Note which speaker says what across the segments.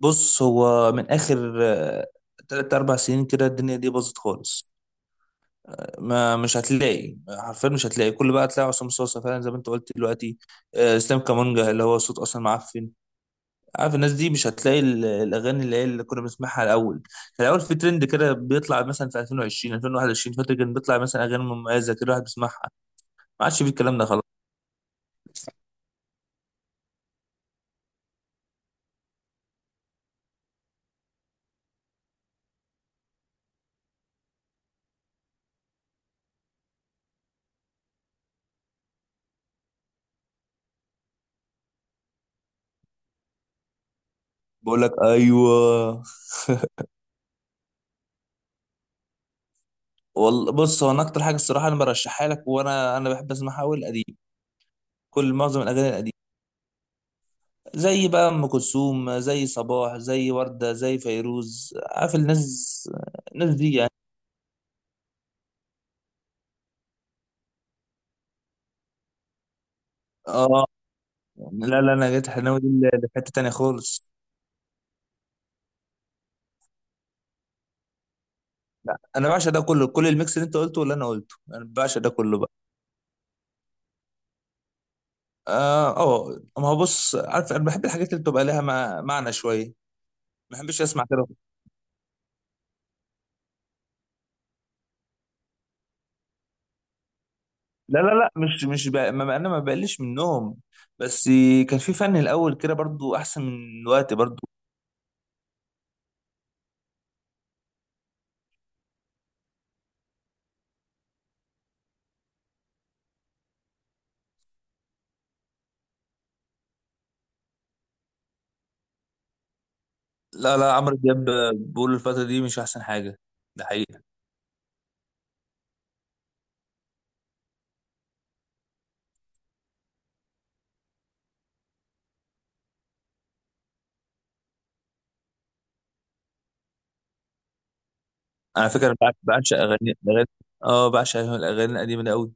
Speaker 1: بص هو من اخر تلات اربع سنين كده الدنيا دي باظت خالص. ما مش هتلاقي حرفيا، مش هتلاقي كل بقى، هتلاقي عصام صاصا فعلا زي ما انت قلت دلوقتي. اسلام كامونجا اللي هو صوت اصلا معفن. عارف الناس دي مش هتلاقي الاغاني اللي هي اللي كنا بنسمعها الاول. كان الاول في ترند كده بيطلع مثلا في 2020 2021، فاكر كان بيطلع مثلا اغاني مميزه كده الواحد بيسمعها. ما عادش في الكلام ده خلاص. بقول لك ايوه. والله بص، هو انا اكتر حاجه الصراحه انا برشحها لك، وانا بحب اسمعها قوي القديم، كل معظم الاغاني القديمه. زي بقى ام كلثوم، زي صباح، زي ورده، زي فيروز، عارف الناس، الناس دي يعني. اه، لا لا انا جيت حناوي دي لحته تانية خالص. انا بعشق ده كله، كل الميكس اللي انت قلته واللي انا قلته انا بعشق ده كله بقى. اه اه، ما هو بص، عارف انا بحب الحاجات اللي بتبقى لها معنى شويه، ما بحبش اسمع كده. لا لا لا، مش بقى، ما انا ما بقلش منهم، بس كان في فن الاول كده برضو احسن من دلوقتي برضو. لا لا، عمرو دياب بقول الفتره دي مش احسن حاجه، ده حقيقي. على فكره انا بعشق اغاني الاغاني، اه بعشق الاغاني القديمه دي قوي.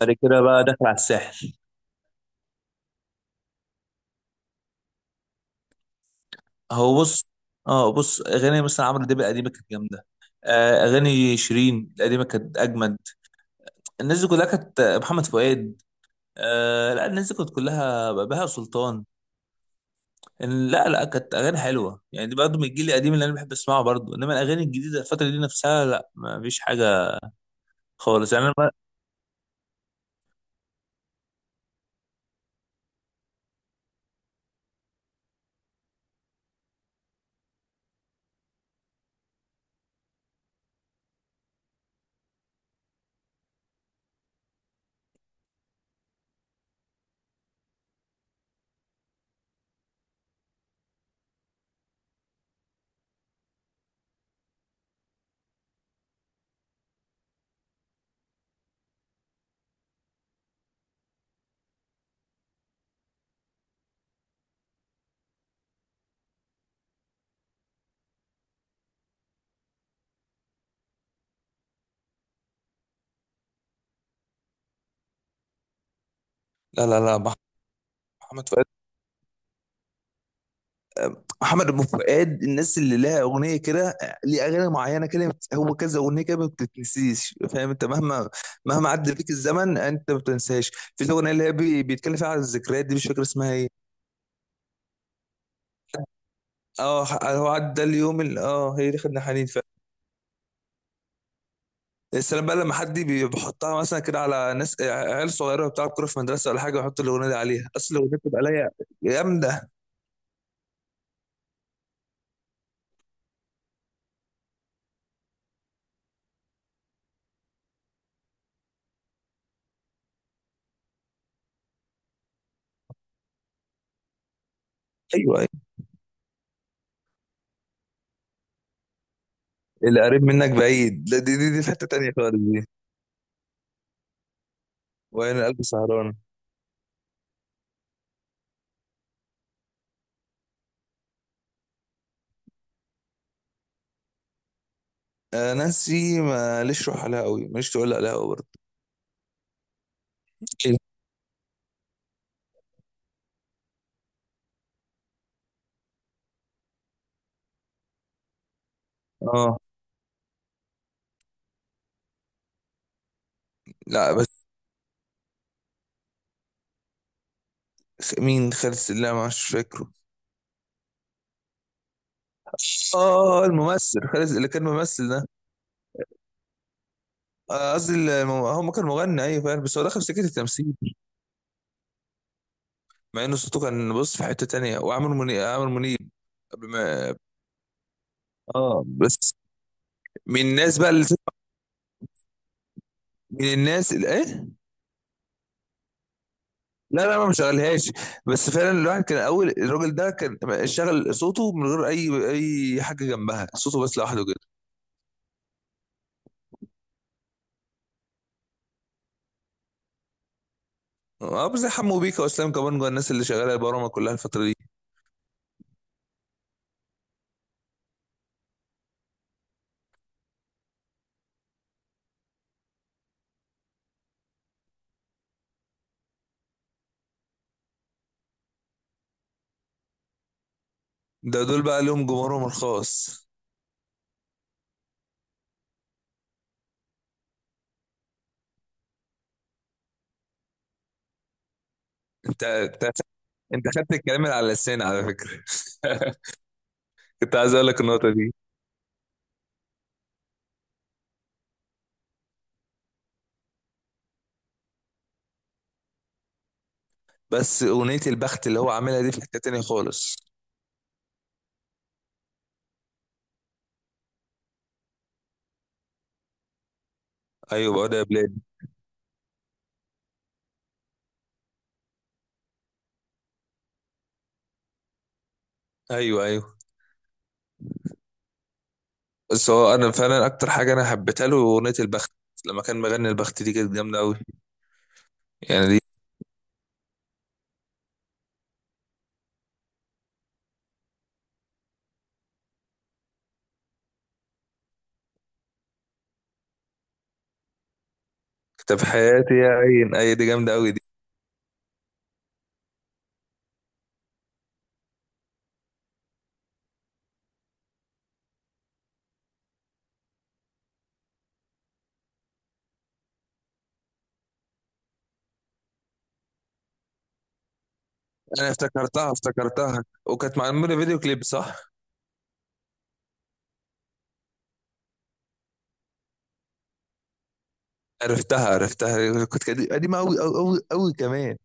Speaker 1: بعد كده بقى داخل على الساحل. هو بص، اه بص اغاني مثلا عمرو دياب القديمه كانت جامده. آه اغاني شيرين القديمه كانت اجمد. الناس دي كلها كانت محمد فؤاد. آه لا، الناس دي كانت كلها بهاء سلطان. لا لا، كانت اغاني حلوه يعني، دي برضه من الجيل القديم اللي انا بحب اسمعه برضه، انما الاغاني الجديده الفتره دي نفسها لا، ما فيش حاجه خالص يعني. انا ما- لا لا لا. محمد فؤاد، محمد ابو فؤاد، الناس اللي لها اغنيه كده، ليه اغاني معينه كده هو كذا اغنيه كده ما بتتنسيش، فاهم انت؟ مهما مهما عدى بيك الزمن انت ما بتنساش. في الاغنيه اللي هي بيتكلم فيها عن الذكريات دي، مش فاكر اسمها ايه. اه، هو عدى اليوم اللي اه، هي دي خدنا حنين فعلا. السلام بقى لما حد بيحطها مثلا كده على ناس عيال صغيره بتلعب كوره في مدرسه ولا حاجه ويحط الاغنيه دي عليها، اصل الاغنيه بتبقى ليا جامده. ايوه، أيوة. اللي قريب منك بعيد دي في حته تانيه خالص دي. وعين القلب سهران. نانسي ماليش روح عليها قوي، ماليش تقول عليها قوي برضه. إيه؟ اه لا بس، مين خالد؟ لا مش فاكره. اه، الممثل خالد اللي كان ممثل ده. قصدي هو ما كان مغني، ايوه فعلا بس هو دخل في سكه التمثيل. مع ان صوته كان بص في حته تانية. وعامر منيب، عامر منيب. قبل ما اه بس. من الناس بقى اللي تسمع، من الناس اللي ايه. لا لا، ما مشغلهاش. بس فعلا الواحد كان اول، الراجل ده كان شغل صوته من غير اي، اي حاجه جنبها، صوته بس لوحده كده. اه بس زي حمو بيكا واسلام كمان جوه الناس اللي شغاله البرامج كلها الفتره دي. ده دول بقى لهم جمهورهم الخاص. انت انت خدت الكلام اللي على لساني على فكره. كنت عايز اقول لك النقطه دي. بس اغنيه البخت اللي هو عاملها دي في حته تانيه خالص. ايوه بقى يا بلاد. ايوه ايوه. بس هو انا فعلا اكتر حاجه انا حبيتها له اغنيه البخت، لما كان مغني البخت دي كانت جامده قوي. يعني دي كتاب حياتي يا عين، اي دي جامده قوي دي. انا افتكرتها افتكرتها، وكانت معموله فيديو كليب صح؟ عرفتها عرفتها، كنت قديمه قوي قوي قوي قوي كمان.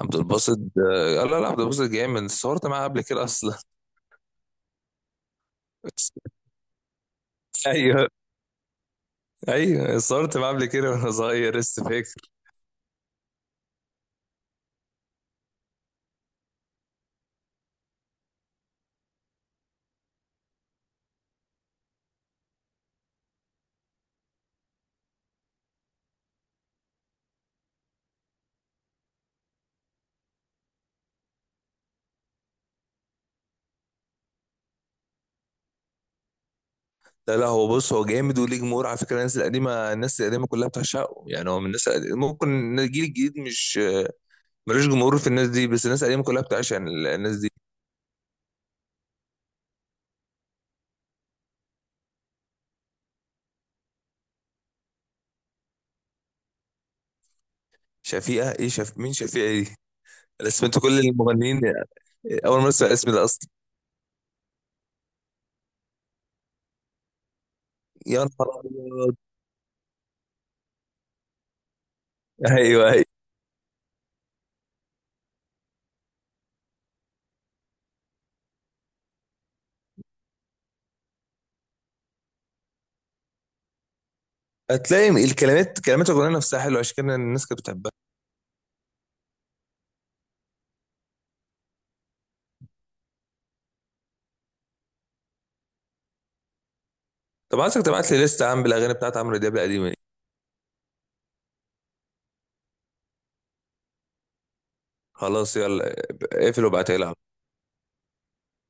Speaker 1: عبد الباسط، لا لا، عبد الباسط جامد، صورت معاه قبل كده اصلا. ايوه ايوه، صورت معاه قبل كده وانا صغير لسه فاكر. لا لا، هو بص هو جامد وليه جمهور على فكره، الناس القديمه، الناس القديمه كلها بتعشقه، يعني هو من الناس القديمة. ممكن الجيل الجديد مش ملوش جمهور في الناس دي، بس الناس القديمه كلها بتعشق الناس دي. شفيقه ايه؟ مين شفيقه دي؟ انا سمعت كل المغنيين، اول مره اسمع الاسم ده اصلا. يا نهار ابيض. ايوه، أيوه. هتلاقي الكلمات، كلمات الأغنية نفسها حلوة عشان كده الناس كانت بتحبها. طب عايزك تبعت لي لستة يا عم بالأغاني بتاعت عمرو دياب القديمة دي. خلاص يلا، اقفل وابعتها لي.